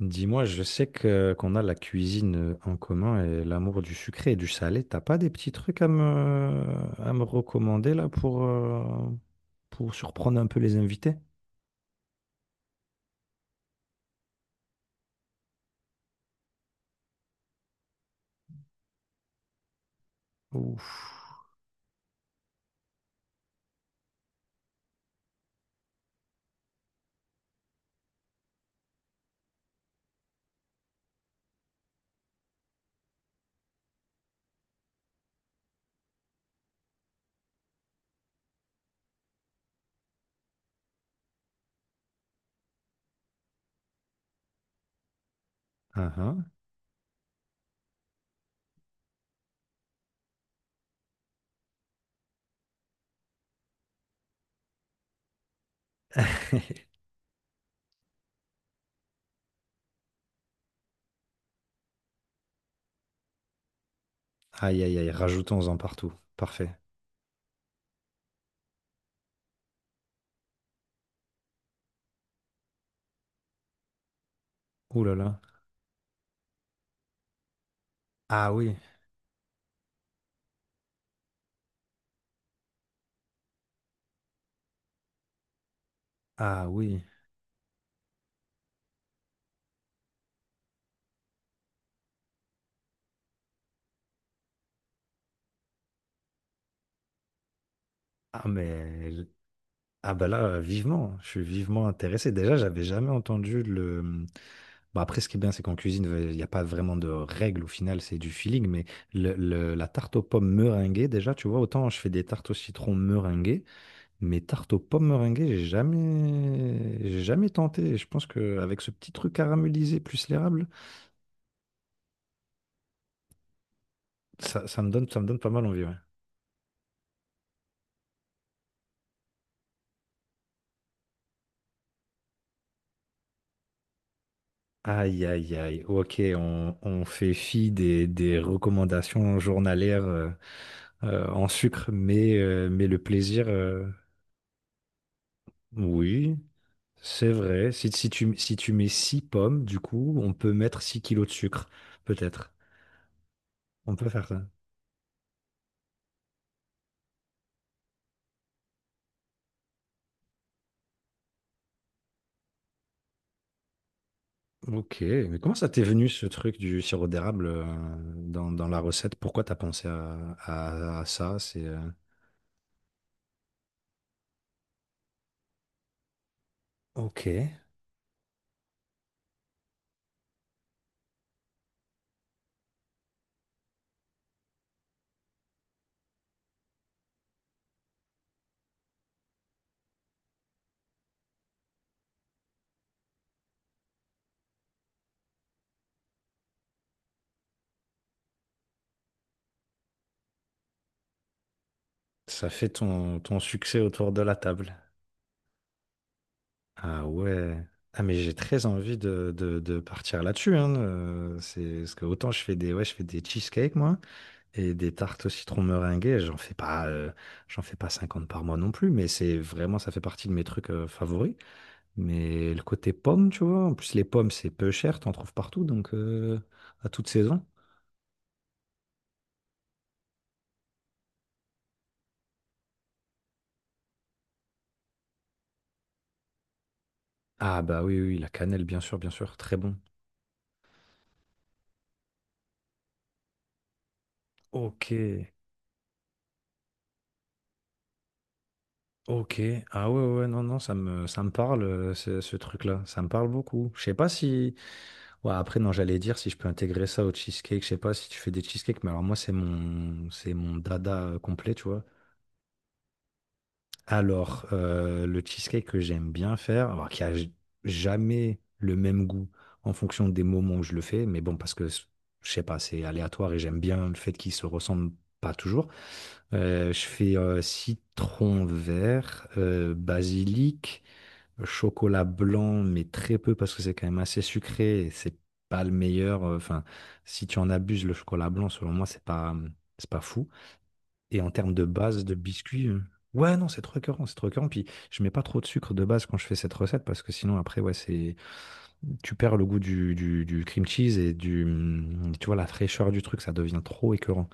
Dis-moi, je sais que qu'on a la cuisine en commun et l'amour du sucré et du salé. T'as pas des petits trucs à me recommander là pour surprendre un peu les invités? Ouf. Ah, ah. Aïe aïe aïe, rajoutons-en partout. Parfait. Ouh là là. Ah oui. Ah oui. Ah mais ah bah là, vivement. Je suis vivement intéressé. Déjà, j'avais jamais entendu le. Bah, après, ce qui est bien, c'est qu'en cuisine, il n'y a pas vraiment de règles au final, c'est du feeling, mais le la tarte aux pommes meringuée, déjà, tu vois, autant je fais des tartes au citron meringuées, mais tarte aux pommes meringuées, j'ai jamais tenté et je pense qu'avec ce petit truc caramélisé plus l'érable, ça me donne pas mal envie, ouais. Aïe, aïe, aïe. OK, on fait fi des recommandations journalières, en sucre, mais le plaisir, oui. C'est vrai. Si tu mets 6 pommes, du coup, on peut mettre 6 kilos de sucre, peut-être. On peut faire ça. Ok, mais comment ça t'est venu ce truc du sirop d'érable dans la recette? Pourquoi t'as pensé à ça? C'est Ok. Ça fait ton succès autour de la table. Ah ouais. Ah mais j'ai très envie de partir là-dessus, hein. C'est parce que autant je fais des ouais, je fais des cheesecakes, moi. Et des tartes au citron meringuées, j'en fais pas 50 par mois non plus, mais c'est vraiment, ça fait partie de mes trucs favoris. Mais le côté pomme tu vois, en plus les pommes, c'est peu cher, t'en trouves partout, donc à toute saison. Ah bah oui, oui, oui, la cannelle, bien sûr, très bon. Ok, ok. Ah ouais, ouais, non, non, ça me parle, ce truc-là, ça me parle beaucoup. Je sais pas si. Ouais, après, non, j'allais dire si je peux intégrer ça au cheesecake, je sais pas si tu fais des cheesecakes, mais alors moi, c'est mon dada complet, tu vois. Alors, le cheesecake que j'aime bien faire, alors qui a jamais le même goût en fonction des moments où je le fais, mais bon, parce que je sais pas, c'est aléatoire et j'aime bien le fait qu'il se ressemble pas toujours. Je fais citron vert, basilic, chocolat blanc, mais très peu parce que c'est quand même assez sucré et c'est pas le meilleur. Enfin, si tu en abuses, le chocolat blanc, selon moi, c'est pas fou. Et en termes de base de biscuits, ouais, non, c'est trop écœurant, c'est trop écœurant. Puis je mets pas trop de sucre de base quand je fais cette recette parce que sinon, après, ouais, c'est tu perds le goût du cream cheese tu vois, la fraîcheur du truc, ça devient trop écœurant.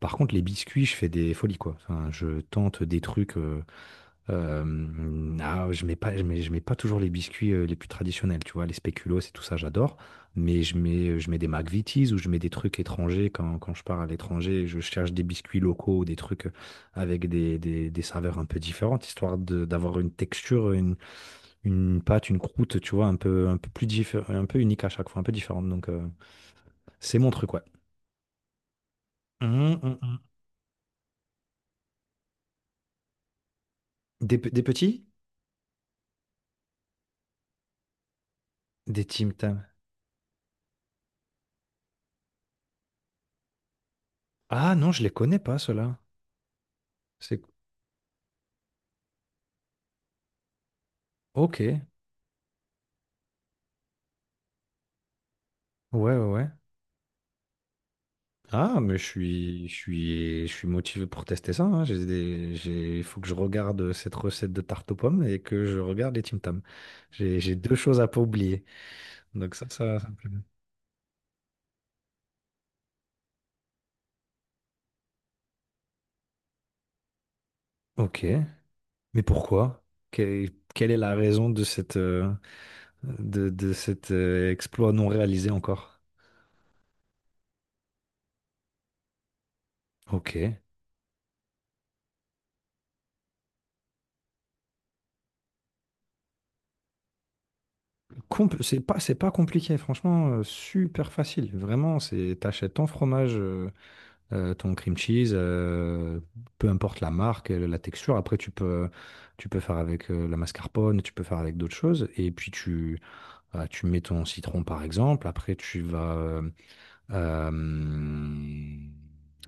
Par contre, les biscuits, je fais des folies, quoi. Enfin, je tente des trucs. Mmh, je mets pas toujours les biscuits, les plus traditionnels, tu vois? Les spéculoos et tout ça, j'adore, mais je mets des McVitie's ou je mets des trucs étrangers quand je pars à l'étranger, je cherche des biscuits locaux ou des trucs, avec des saveurs un peu différentes, histoire de d'avoir une texture, une pâte, une croûte, tu vois? Un peu unique à chaque fois, un peu différente, donc c'est mon truc, ouais. Mmh, mmh mh. Des petits? Des Tim Tam. Ah non, je les connais pas ceux-là. C'est OK. Ouais, ouais, ouais. Ah, mais je suis motivé pour tester ça, hein. Il faut que je regarde cette recette de tarte aux pommes et que je regarde les Tim Tam. J'ai deux choses à pas oublier. Donc ça me plaît bien. Ok, mais pourquoi? Que- Quelle est la raison de cette, de cet exploit non réalisé encore? Ok. C'est pas compliqué, franchement, super facile. Vraiment, t'achètes ton fromage. Ton cream cheese, peu importe la marque, la texture. Après, tu peux faire avec la mascarpone, tu peux faire avec d'autres choses. Et puis, tu mets ton citron, par exemple. Après, tu vas, Hem,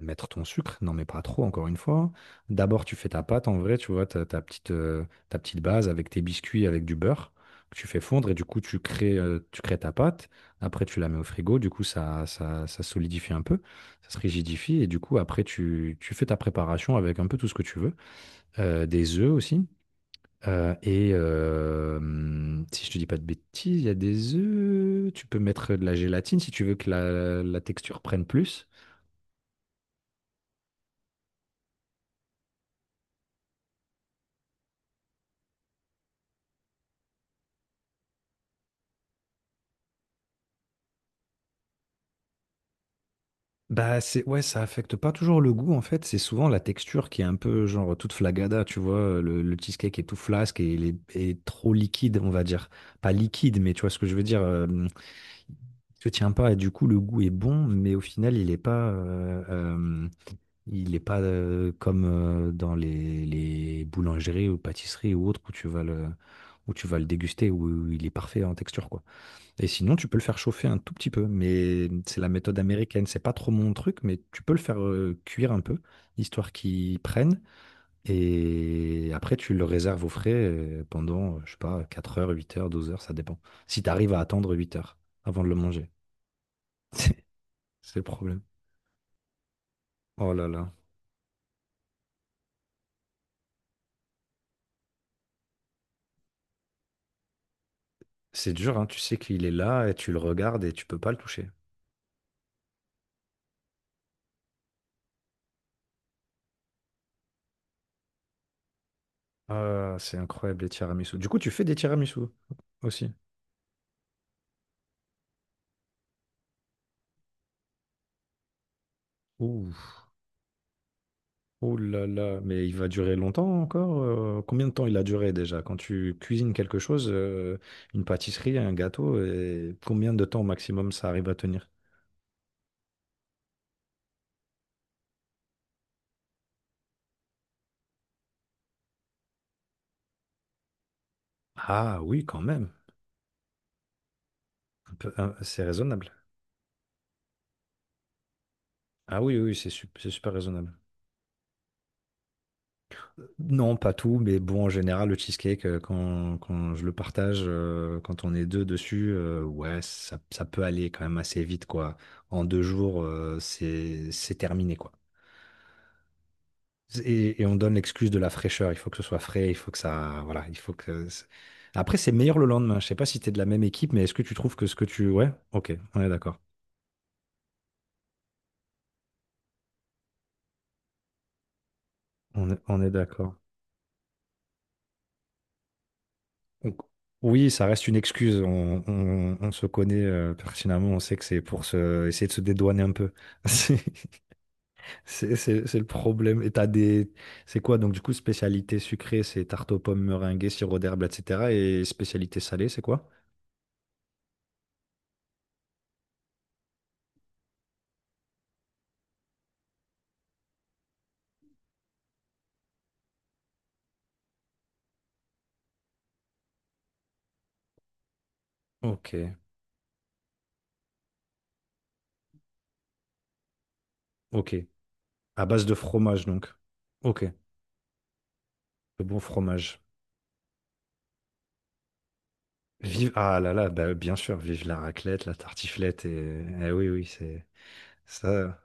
mettre ton sucre, non, mais pas trop, encore une fois. D'abord, tu fais ta pâte en vrai, tu vois, ta petite base avec tes biscuits, avec du beurre que tu fais fondre et du coup, tu crées ta pâte. Après, tu la mets au frigo, du coup, ça solidifie un peu, ça se rigidifie et du coup, après, tu fais ta préparation avec un peu tout ce que tu veux. Des œufs aussi. Et si je te dis pas de bêtises, il y a des œufs, tu peux mettre de la gélatine si tu veux que la texture prenne plus. Bah, c'est ouais, ça affecte pas toujours le goût en fait, c'est souvent la texture qui est un peu genre toute flagada, tu vois? Le cheesecake est tout flasque et il est trop liquide, on va dire. Pas liquide, mais tu vois ce que je veux dire? Il se tient pas et du coup le goût est bon, mais au final il n'est pas comme dans les boulangeries ou pâtisseries ou autres où tu vas le déguster, où il est parfait en texture, quoi. Et sinon, tu peux le faire chauffer un tout petit peu, mais c'est la méthode américaine. C'est pas trop mon truc, mais tu peux le faire cuire un peu, histoire qu'il prenne. Et après, tu le réserves au frais pendant, je sais pas, 4 heures, 8 heures, 12 heures, ça dépend. Si tu arrives à attendre 8 heures avant de le manger, c'est c'est le problème. Oh là là. C'est dur, hein, tu sais qu'il est là et tu le regardes et tu peux pas le toucher. Ah, c'est incroyable les tiramisu. Du coup, tu fais des tiramisu aussi. Ouh, oh là là, mais il va durer longtemps encore? Combien de temps il a duré déjà? Quand tu cuisines quelque chose, une pâtisserie, un gâteau, et combien de temps au maximum ça arrive à tenir? Ah oui, quand même. C'est raisonnable. Ah oui, oui, oui, c'est super raisonnable. Non, pas tout, mais bon, en général, le cheesecake, quand je le partage, quand on est deux dessus, ouais, ça peut aller quand même assez vite, quoi. En 2 jours, c'est terminé, quoi. Et on donne l'excuse de la fraîcheur. Il faut que ce soit frais, il faut que ça, voilà, il faut que. Après, c'est meilleur le lendemain. Je sais pas si t'es de la même équipe, mais est-ce que tu trouves que ce que tu, ouais, ok, on est d'accord. On est d'accord. Donc, oui, ça reste une excuse. On se connaît pertinemment. On sait que c'est pour essayer de se dédouaner un peu. C'est le problème. Et t'as des. C'est quoi? Donc, du coup, spécialité sucrée, c'est tarte aux pommes, meringuée, sirop d'herbe, etc. Et spécialité salée, c'est quoi? Ok, ok. À base de fromage, donc. Ok, le bon fromage. Vive, ah là là, bah, bien sûr, vive la raclette, la tartiflette, et, eh oui, oui, c'est ça.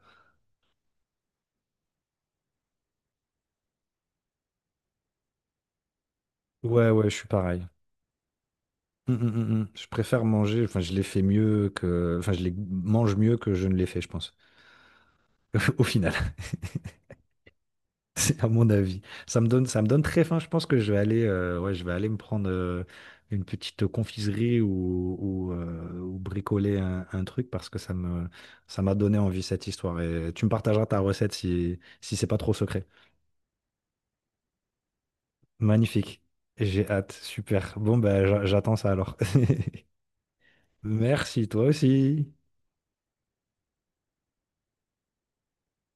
Ouais, ouais, je suis pareil. Mm, mm, mm, mm. Je préfère manger, enfin je les mange mieux que je ne les fais, je pense. Au final, c'est à mon avis. Ça me donne très faim. Je pense que ouais, je vais aller me prendre une petite confiserie ou, ou bricoler un truc parce que ça m'a donné envie cette histoire. Et tu me partageras ta recette si c'est pas trop secret. Magnifique. J'ai hâte. Super. Bon ben, j'attends ça alors. Merci toi aussi.